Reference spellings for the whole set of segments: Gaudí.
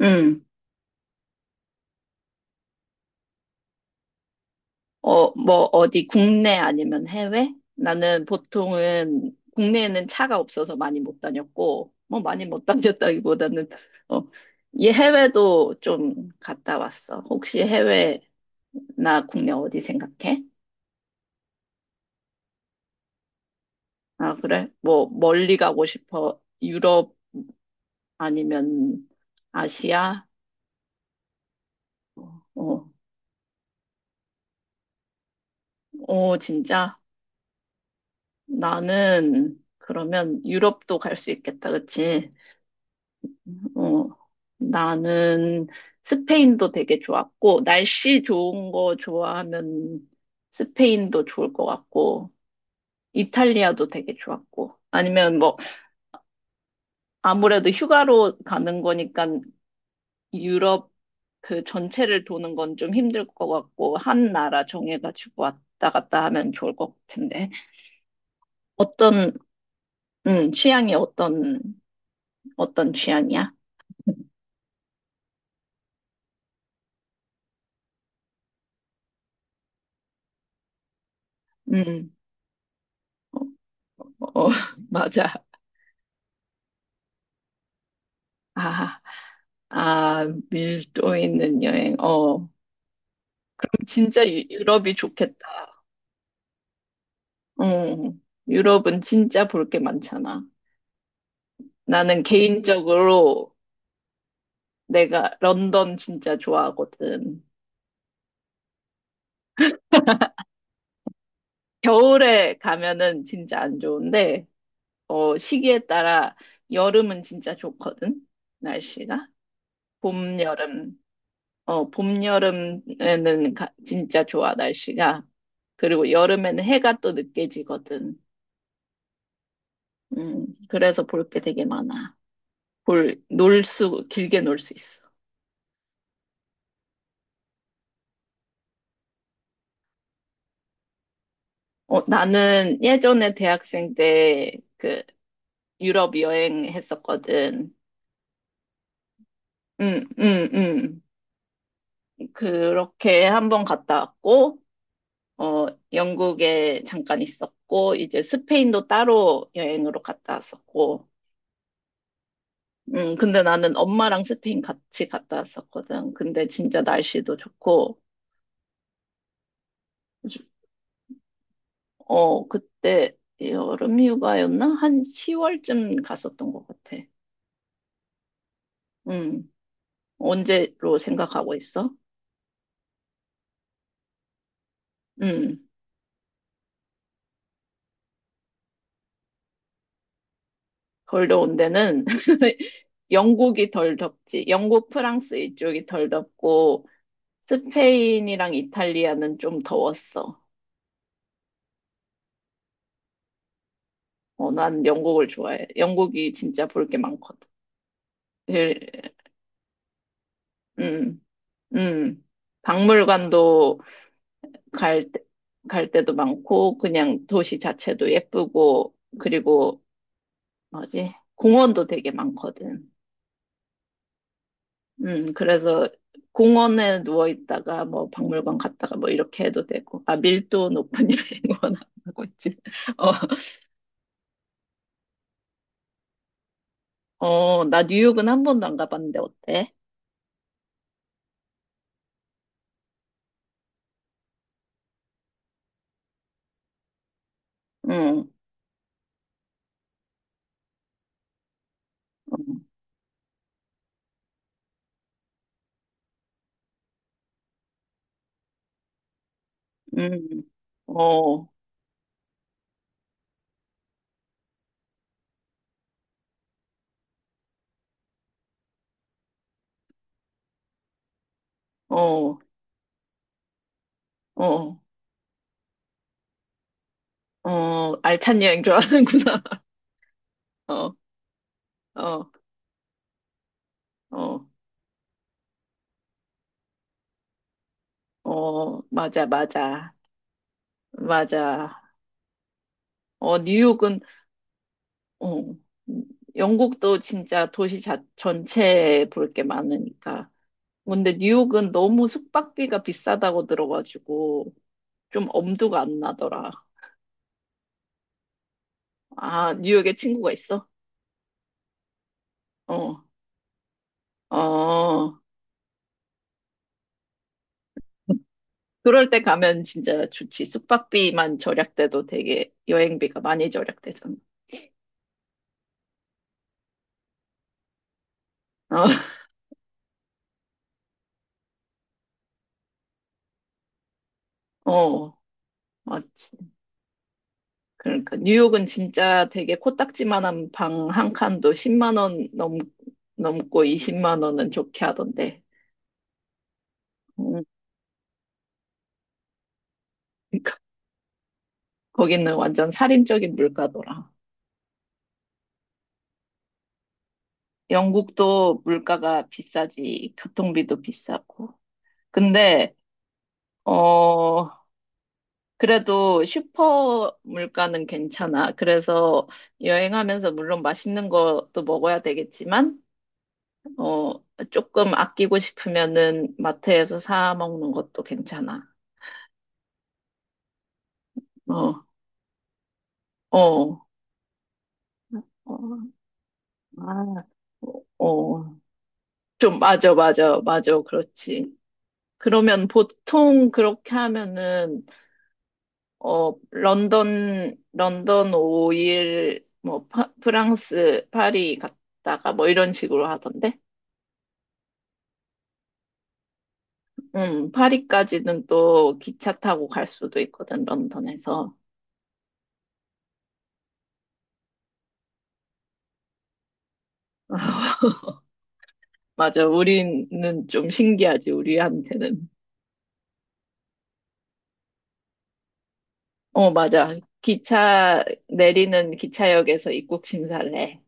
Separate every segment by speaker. Speaker 1: 음, 뭐, 어디 국내 아니면 해외? 나는 보통은 국내에는 차가 없어서 많이 못 다녔고, 뭐 많이 못 다녔다기보다는, 어, 이 해외도 좀 갔다 왔어. 혹시 해외나 국내 어디 생각해? 아, 그래? 뭐, 멀리 가고 싶어. 유럽 아니면 아시아? 어, 어, 진짜? 나는 그러면 유럽도 갈 수 있겠다, 그치? 어, 나는 스페인도 되게 좋았고, 날씨 좋은 거 좋아하면 스페인도 좋을 것 같고, 이탈리아도 되게 좋았고, 아니면 뭐, 아무래도 휴가로 가는 거니까 유럽 그 전체를 도는 건 좀 힘들 것 같고, 한 나라 정해가지고 왔다 갔다 하면 좋을 것 같은데. 어떤, 음, 취향이 어떤, 어떤 취향이야? 음. 어. 어. 맞아. 아. 아, 밀도 있는 여행. 유럽이 좋겠다. 응, 유럽은 진짜 볼 게 많잖아. 나는 개인적으로 내가 런던 진짜 좋아하거든. 겨울에 가면은 진짜 안 좋은데, 시기에 따라 여름은 진짜 좋거든. 날씨가. 봄, 여름. 봄, 여름에는 진짜 좋아, 날씨가. 그리고 여름에는 해가 또 늦게 지거든. 그래서 볼 게 되게 많아. 길게 놀 수 있어. 나는 예전에 대학생 때 그 유럽 여행했었거든. 응, 응, 응. 그렇게 한번 갔다 왔고, 어, 영국에 잠깐 있었고, 이제 스페인도 따로 여행으로 갔다 왔었고, 근데 나는 엄마랑 스페인 같이 갔다 왔었거든. 근데 진짜 날씨도 좋고. 그때 여름 휴가였나? 한 10월쯤 갔었던 것 같아. 음, 언제로 생각하고 있어? 음, 덜 더운 데는 영국이 덜 덥지. 영국, 프랑스 이쪽이 덜 덥고 스페인이랑 이탈리아는 좀 더웠어. 난 영국을 좋아해. 영국이 진짜 볼 게 많거든. 일- 음. 음. 박물관도 갈, 때- 갈 때도 많고, 그냥 도시 자체도 예쁘고, 그리고, 뭐지, 공원도 되게 많거든. 그래서 공원에 누워 있다가 뭐 박물관 갔다가 뭐 이렇게 해도 되고, 아, 밀도 높은 여행원 하고 있지. 나 뉴욕은 한 번도 안 가봤는데 어때? 응, 응, 응. 어. 어. 어. 어. 알찬 여행 좋아하는구나. 어. 어. 어. 어. 맞아, 맞아. 맞아. 어, 뉴욕은, 어, 영국도 진짜 전체에 볼 게 많으니까. 근데 뉴욕은 너무 숙박비가 비싸다고 들어가지고 좀 엄두가 안 나더라. 아, 뉴욕에 친구가 있어? 어, 어. 그럴 때 가면 진짜 좋지. 숙박비만 절약돼도 되게 여행비가 많이 절약되잖아. 어, 어, 맞지. 그러니까 뉴욕은 진짜 되게 코딱지만한 방 한 칸도 넘고 20만 원은 좋게 하던데. 음, 그러니까 거기는 완전 살인적인 물가더라. 영국도 물가가 비싸지, 교통비도 비싸고. 근데 어 그래도 슈퍼 물가는 괜찮아. 그래서 여행하면서 물론 맛있는 것도 먹어야 되겠지만 어 조금 아끼고 싶으면은 마트에서 사 먹는 것도 괜찮아. 어. 어. 어. 아. 어. 좀, 맞아, 맞아, 맞아. 그렇지. 그러면 보통 그렇게 하면은, 런던 5일, 뭐, 프랑스, 파리 갔다가 뭐 이런 식으로 하던데? 파리까지는 또 기차 타고 갈 수도 있거든, 런던에서. 맞아, 우리는 좀 신기하지, 우리한테는. 어, 맞아. 기차 내리는 기차역에서 입국 심사를 해.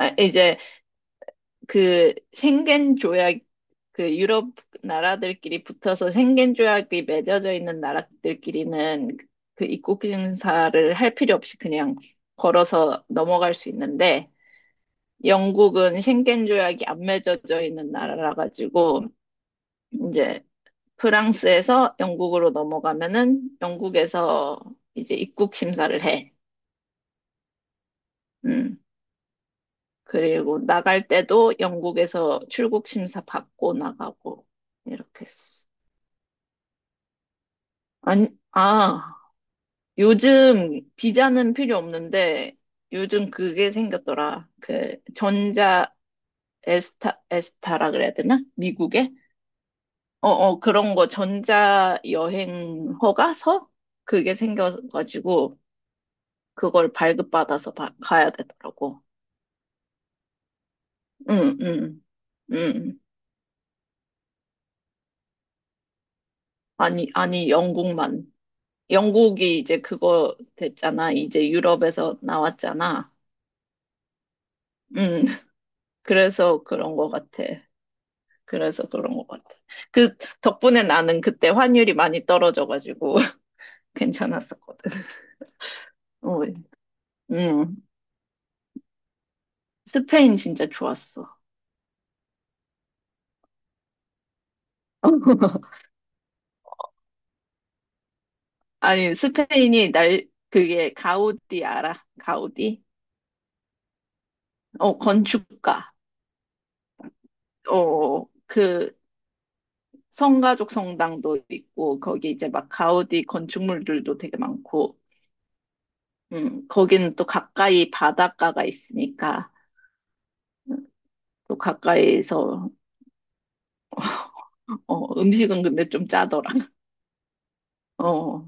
Speaker 1: 이제 그 schengen 조약 그 유럽 나라들끼리 붙어서 생겐 조약이 맺어져 있는 나라들끼리는 그 입국 심사를 할 필요 없이 그냥 걸어서 넘어갈 수 있는데 영국은 생겐 조약이 안 맺어져 있는 나라라 가지고 이제 프랑스에서 영국으로 넘어가면은 영국에서 이제 입국 심사를 해. 음. 그리고 나갈 때도 영국에서 출국 심사 받고 나가고 이렇게 했어. 아니, 요즘 비자는 필요 없는데 요즘 그게 생겼더라. 그 전자 에스타라 그래야 되나? 미국에? 그런 거 전자 여행 허가서 그게 생겨가지고 그걸 발급받아서 가야 되더라고. 응, 응, 응. 아니 영국만. 영국이 이제 그거 됐잖아. 이제 유럽에서 나왔잖아. 음. 그래서 그런 것 같아. 그래서 그런 것 같아. 그 덕분에 나는 그때 환율이 많이 떨어져가지고 괜찮았었거든. 어, 음, 스페인 진짜 좋았어. 아니, 스페인이 날, 그게 가우디 알아? 가우디? 어, 건축가. 어, 그 성가족 성당도 있고, 거기 이제 막 가우디 건축물들도 되게 많고, 거기는 또 가까이 바닷가가 있으니까 또 가까이서 어, 음식은 근데 좀 짜더라. 어.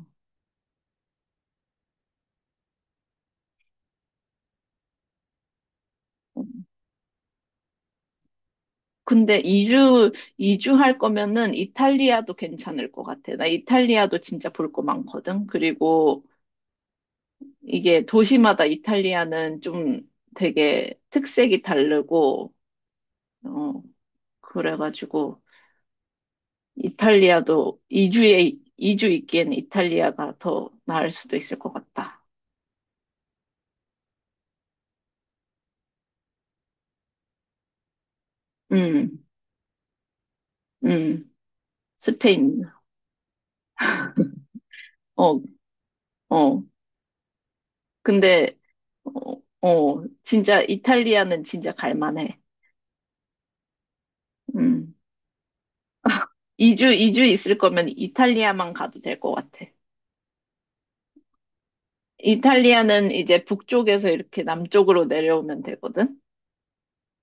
Speaker 1: 근데 이주할 거면은 이탈리아도 괜찮을 것 같아. 나 이탈리아도 진짜 볼 거 많거든. 그리고 이게 도시마다 이탈리아는 좀 되게 특색이 다르고 어, 그래가지고 이탈리아도 이주에 이주 있기엔 이탈리아가 더 나을 수도 있을 것 같다. 음. 음. 스페인. 어, 어. 근데, 진짜 이탈리아는 진짜 갈만해. 음. 2주 있을 거면 이탈리아만 가도 될 것 같아. 이탈리아는 이제 북쪽에서 이렇게 남쪽으로 내려오면 되거든?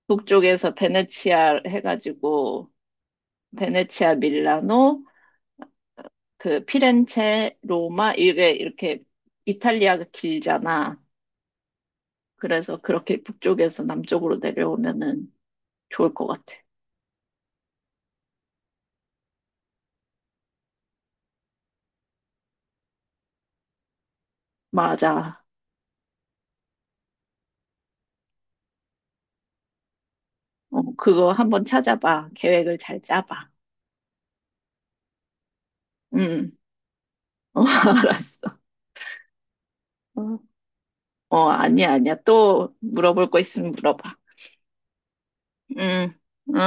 Speaker 1: 북쪽에서 베네치아 해가지고, 베네치아, 밀라노, 그 피렌체, 로마, 이게 이렇게 이탈리아가 길잖아. 그래서 그렇게 북쪽에서 남쪽으로 내려오면은 좋을 것 같아. 맞아. 어, 그거 한번 찾아봐. 계획을 잘 짜봐. 응. 어, 알았어. 어, 아니야, 아니야. 또 물어볼 거 있으면 물어봐. 응, 응.